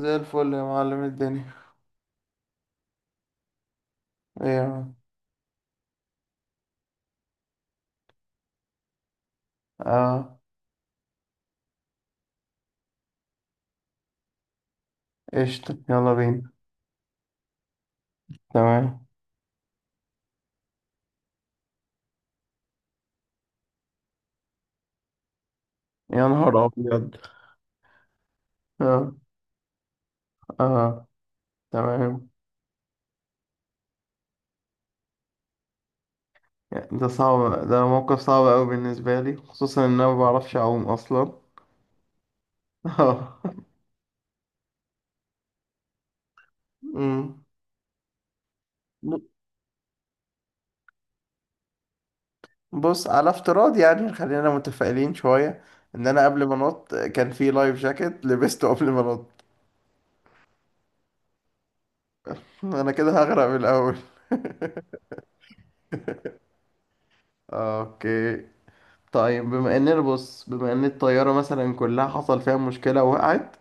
زي الفل يا معلم الدنيا. ايه يا معلم؟ اه. قشطة، يلا بينا. تمام. يا نهار أبيض. اه. اه. تمام. ده صعب، ده موقف صعب أوي بالنسبة لي، خصوصا إن أنا ما بعرفش أعوم أصلا. اه. أمم. ب- بص، على افتراض يعني خلينا متفائلين شوية، إن أنا قبل ما أنط كان في لايف جاكيت لبسته قبل ما أنط. أنا كده هغرق من الأول. اوكي. طيب بما اننا بص، بما ان الطيارة مثلا كلها حصل فيها مشكلة وقعت،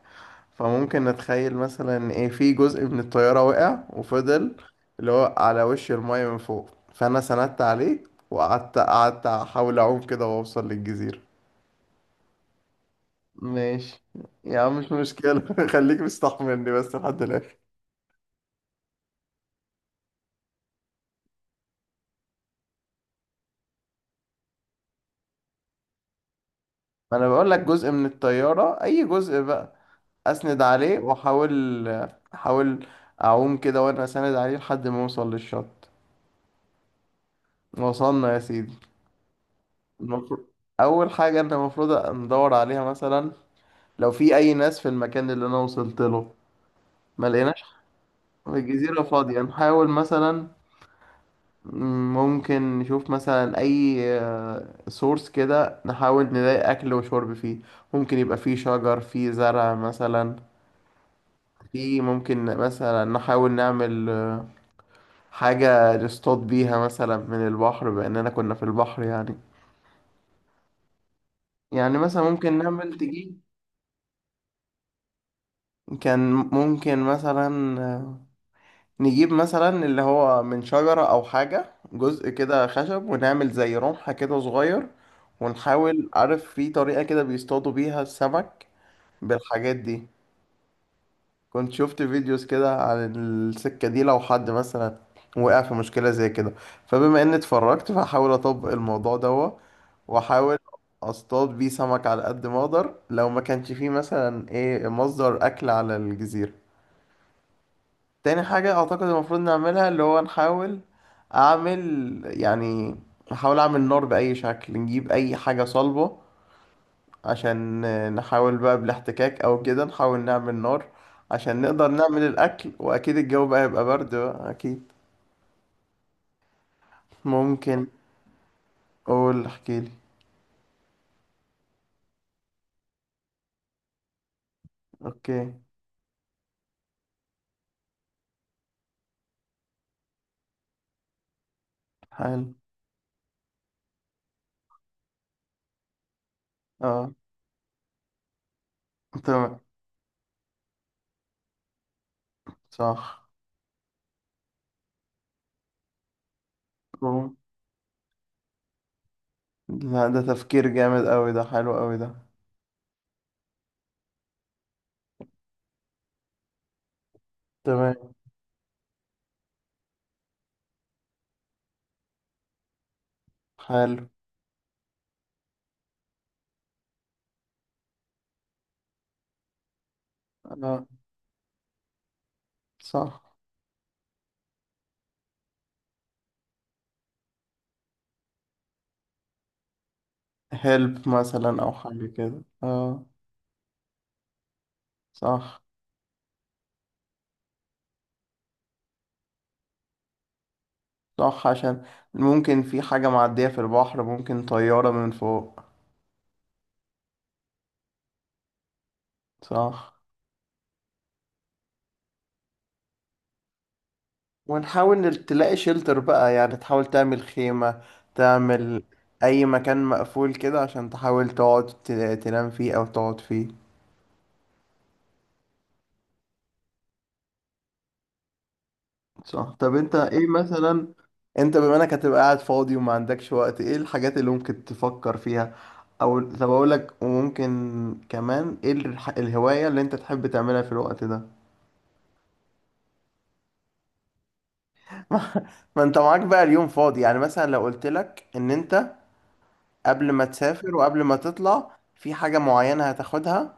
فممكن نتخيل مثلا ايه، في جزء من الطيارة وقع وفضل اللي هو على وش المية من فوق، فانا سندت عليه وقعدت احاول اعوم كده واوصل للجزيرة. ماشي يا عم مش مشكلة. خليك مستحملني بس لحد الاخر. ما انا بقول لك جزء من الطيارة، اي جزء بقى اسند عليه واحاول، احاول اعوم كده وانا اسند عليه لحد ما اوصل للشط. وصلنا يا سيدي. المفروض اول حاجه انت المفروض ندور عليها مثلا لو في اي ناس في المكان اللي انا وصلت له. ما لقيناش، الجزيره فاضيه. نحاول مثلا ممكن نشوف مثلا اي سورس كده، نحاول نلاقي اكل وشرب فيه. ممكن يبقى فيه شجر، فيه زرع مثلا. في ممكن مثلا نحاول نعمل حاجه نصطاد بيها مثلا من البحر، باننا كنا في البحر يعني. يعني مثلا ممكن نعمل تجيب، كان ممكن مثلا نجيب مثلا اللي هو من شجرة أو حاجة جزء كده خشب ونعمل زي رمحة كده صغير. ونحاول، عارف في طريقة كده بيصطادوا بيها السمك بالحاجات دي. كنت شفت فيديوز كده عن السكة دي لو حد مثلا وقع في مشكلة زي كده، فبما إني اتفرجت فهحاول أطبق الموضوع ده وأحاول أصطاد بيه سمك على قد ما أقدر لو ما كانش فيه مثلا إيه مصدر أكل على الجزيرة. تاني حاجة أعتقد المفروض نعملها اللي هو نحاول أعمل يعني نحاول أعمل نار بأي شكل، نجيب أي حاجة صلبة عشان نحاول بقى بالاحتكاك أو كده نحاول نعمل نار عشان نقدر نعمل الأكل. وأكيد الجو بقى يبقى برد بقى أكيد. ممكن. قول احكيلي. أوكي. حلو. أه. تمام. صح. أوه. لا، ده تفكير جامد أوي ده، حلو أوي ده. تمام. حلو. أه. صح. هيلب مثلا او حاجه كده، اه. صح. صح، عشان ممكن في حاجه معديه في البحر، ممكن طياره من فوق. صح. ونحاول تلاقي شيلتر بقى يعني، تحاول تعمل خيمه، تعمل اي مكان مقفول كده عشان تحاول تقعد تنام فيه او تقعد فيه. صح. طب انت ايه مثلا، انت بما انك هتبقى قاعد فاضي وما عندكش وقت ايه الحاجات اللي ممكن تفكر فيها؟ او طب اقول لك، وممكن كمان ايه الهواية اللي انت تحب تعملها في الوقت ده؟ ما, ما انت معاك بقى اليوم فاضي يعني، مثلا لو قلت لك ان انت قبل ما تسافر وقبل ما تطلع في حاجة معينة هتاخدها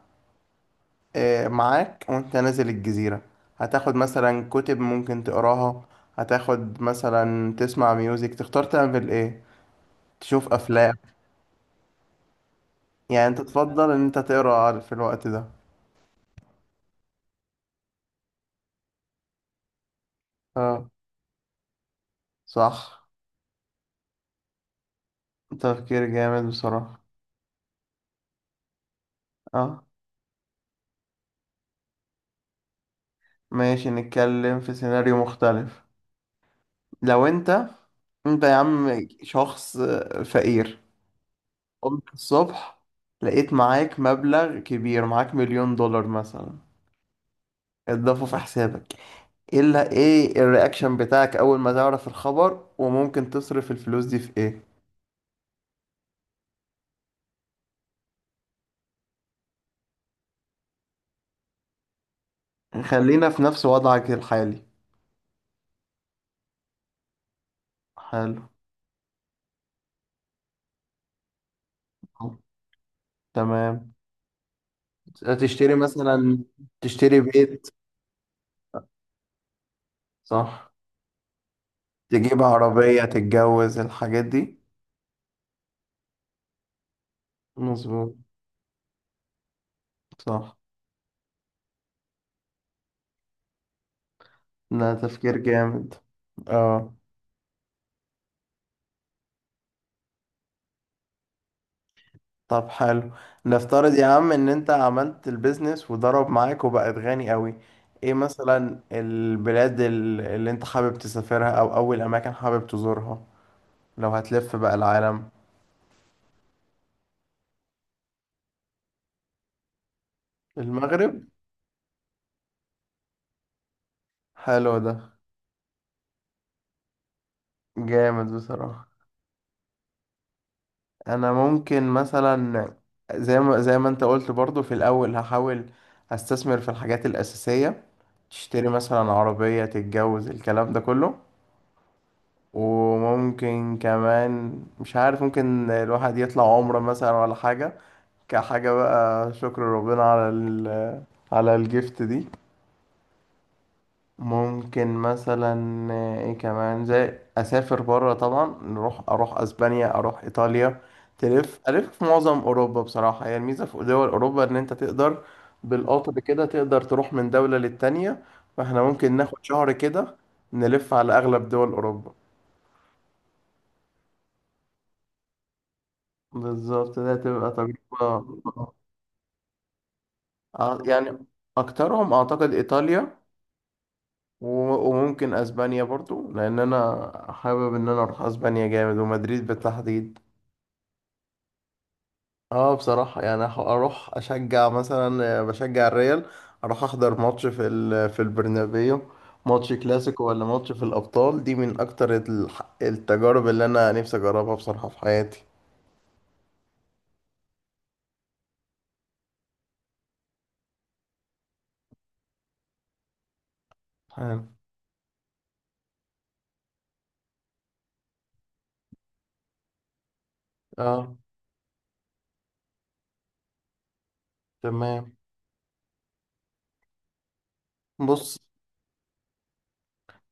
اه، معاك وانت نازل الجزيرة، هتاخد مثلا كتب ممكن تقراها، هتاخد مثلا تسمع ميوزك، تختار تعمل ايه؟ تشوف افلام؟ يعني انت تفضل ان انت تقرا في الوقت ده؟ اه. صح. تفكير جامد بصراحة. اه. ماشي، نتكلم في سيناريو مختلف. لو انت، انت يا عم شخص فقير قمت الصبح لقيت معاك مبلغ كبير، معاك 1,000,000 دولار مثلا اتضافوا في حسابك. ايه اللي، ايه الرياكشن بتاعك اول ما تعرف الخبر؟ وممكن تصرف الفلوس دي في ايه؟ خلينا في نفس وضعك الحالي. حلو. تمام. تشتري مثلا، تشتري بيت. صح. تجيب عربية، تتجوز، الحاجات دي. مظبوط. صح. ده تفكير جامد. اه. طب حلو. نفترض يا عم ان انت عملت البيزنس وضرب معاك وبقت غني قوي، ايه مثلا البلاد اللي انت حابب تسافرها او اول اماكن حابب تزورها لو هتلف بقى العالم؟ المغرب؟ حلو ده. جامد بصراحة. انا ممكن مثلا زي ما انت قلت برضو في الاول هحاول استثمر في الحاجات الاساسيه، تشتري مثلا عربيه، تتجوز، الكلام ده كله. وممكن كمان مش عارف ممكن الواحد يطلع عمره مثلا ولا حاجه، كحاجه بقى شكر ربنا على ال... على الجفت دي. ممكن مثلا ايه كمان زي اسافر بره طبعا، نروح اروح اسبانيا، اروح ايطاليا. تلف الف في معظم اوروبا بصراحه. هي الميزه في دول اوروبا ان انت تقدر بالقطر كده تقدر تروح من دوله للتانيه، فاحنا ممكن ناخد شهر كده نلف على اغلب دول اوروبا. بالظبط، ده تبقى تجربه. يعني اكترهم اعتقد ايطاليا. وممكن اسبانيا برضو، لان انا حابب ان انا اروح اسبانيا جامد ومدريد بالتحديد. اه بصراحة يعني اروح اشجع مثلا بشجع الريال، اروح احضر ماتش في في البرنابيو، ماتش كلاسيكو ولا ماتش في الابطال، دي من اكتر التجارب اللي انا نفسي اجربها بصراحة في حياتي. حلو. اه. تمام. بص.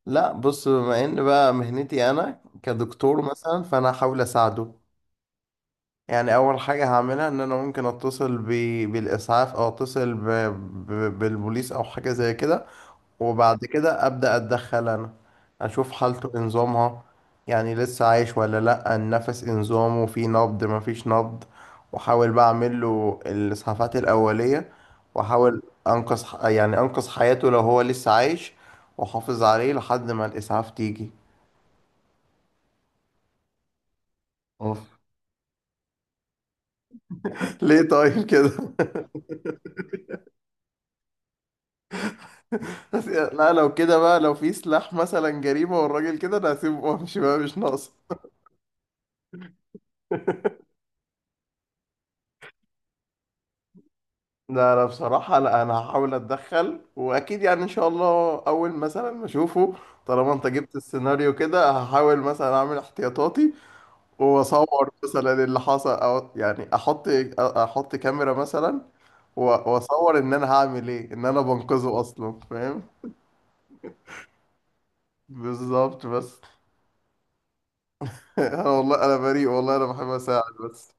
لا بص، بما ان بقى مهنتي انا كدكتور مثلا، فانا هحاول اساعده. يعني اول حاجة هعملها ان انا ممكن بالاسعاف او بالبوليس او حاجة زي كده، وبعد كده أبدأ أتدخل أنا، أشوف حالته إيه نظامها، يعني لسه عايش ولا لأ، النفس إيه نظامه، في نبض مفيش نبض، وأحاول بقى أعمل له الإسعافات الأولية وأحاول يعني أنقذ حياته لو هو لسه عايش وأحافظ عليه لحد ما الإسعاف تيجي. اوف. ليه طيب كده؟ بس لا، لو كده بقى لو في سلاح مثلا جريمة والراجل كده، أنا هسيبه وأمشي بقى، مش ناقص. لا انا بصراحة، لا انا هحاول اتدخل واكيد يعني ان شاء الله، اول مثلا ما اشوفه طالما انت جبت السيناريو كده، هحاول مثلا اعمل احتياطاتي واصور مثلا اللي حصل، او يعني احط كاميرا مثلا، و- واصور ان انا هعمل ايه، ان انا بنقذه اصلا فاهم. بالظبط بس. انا والله انا بريء، والله انا بحب اساعد بس.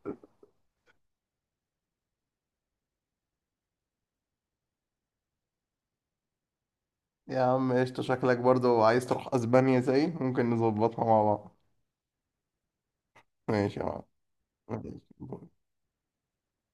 يا عم قشطة، شكلك برضه عايز تروح اسبانيا زي ممكن نظبطها مع بعض. ماشي يا معلم. ماشي.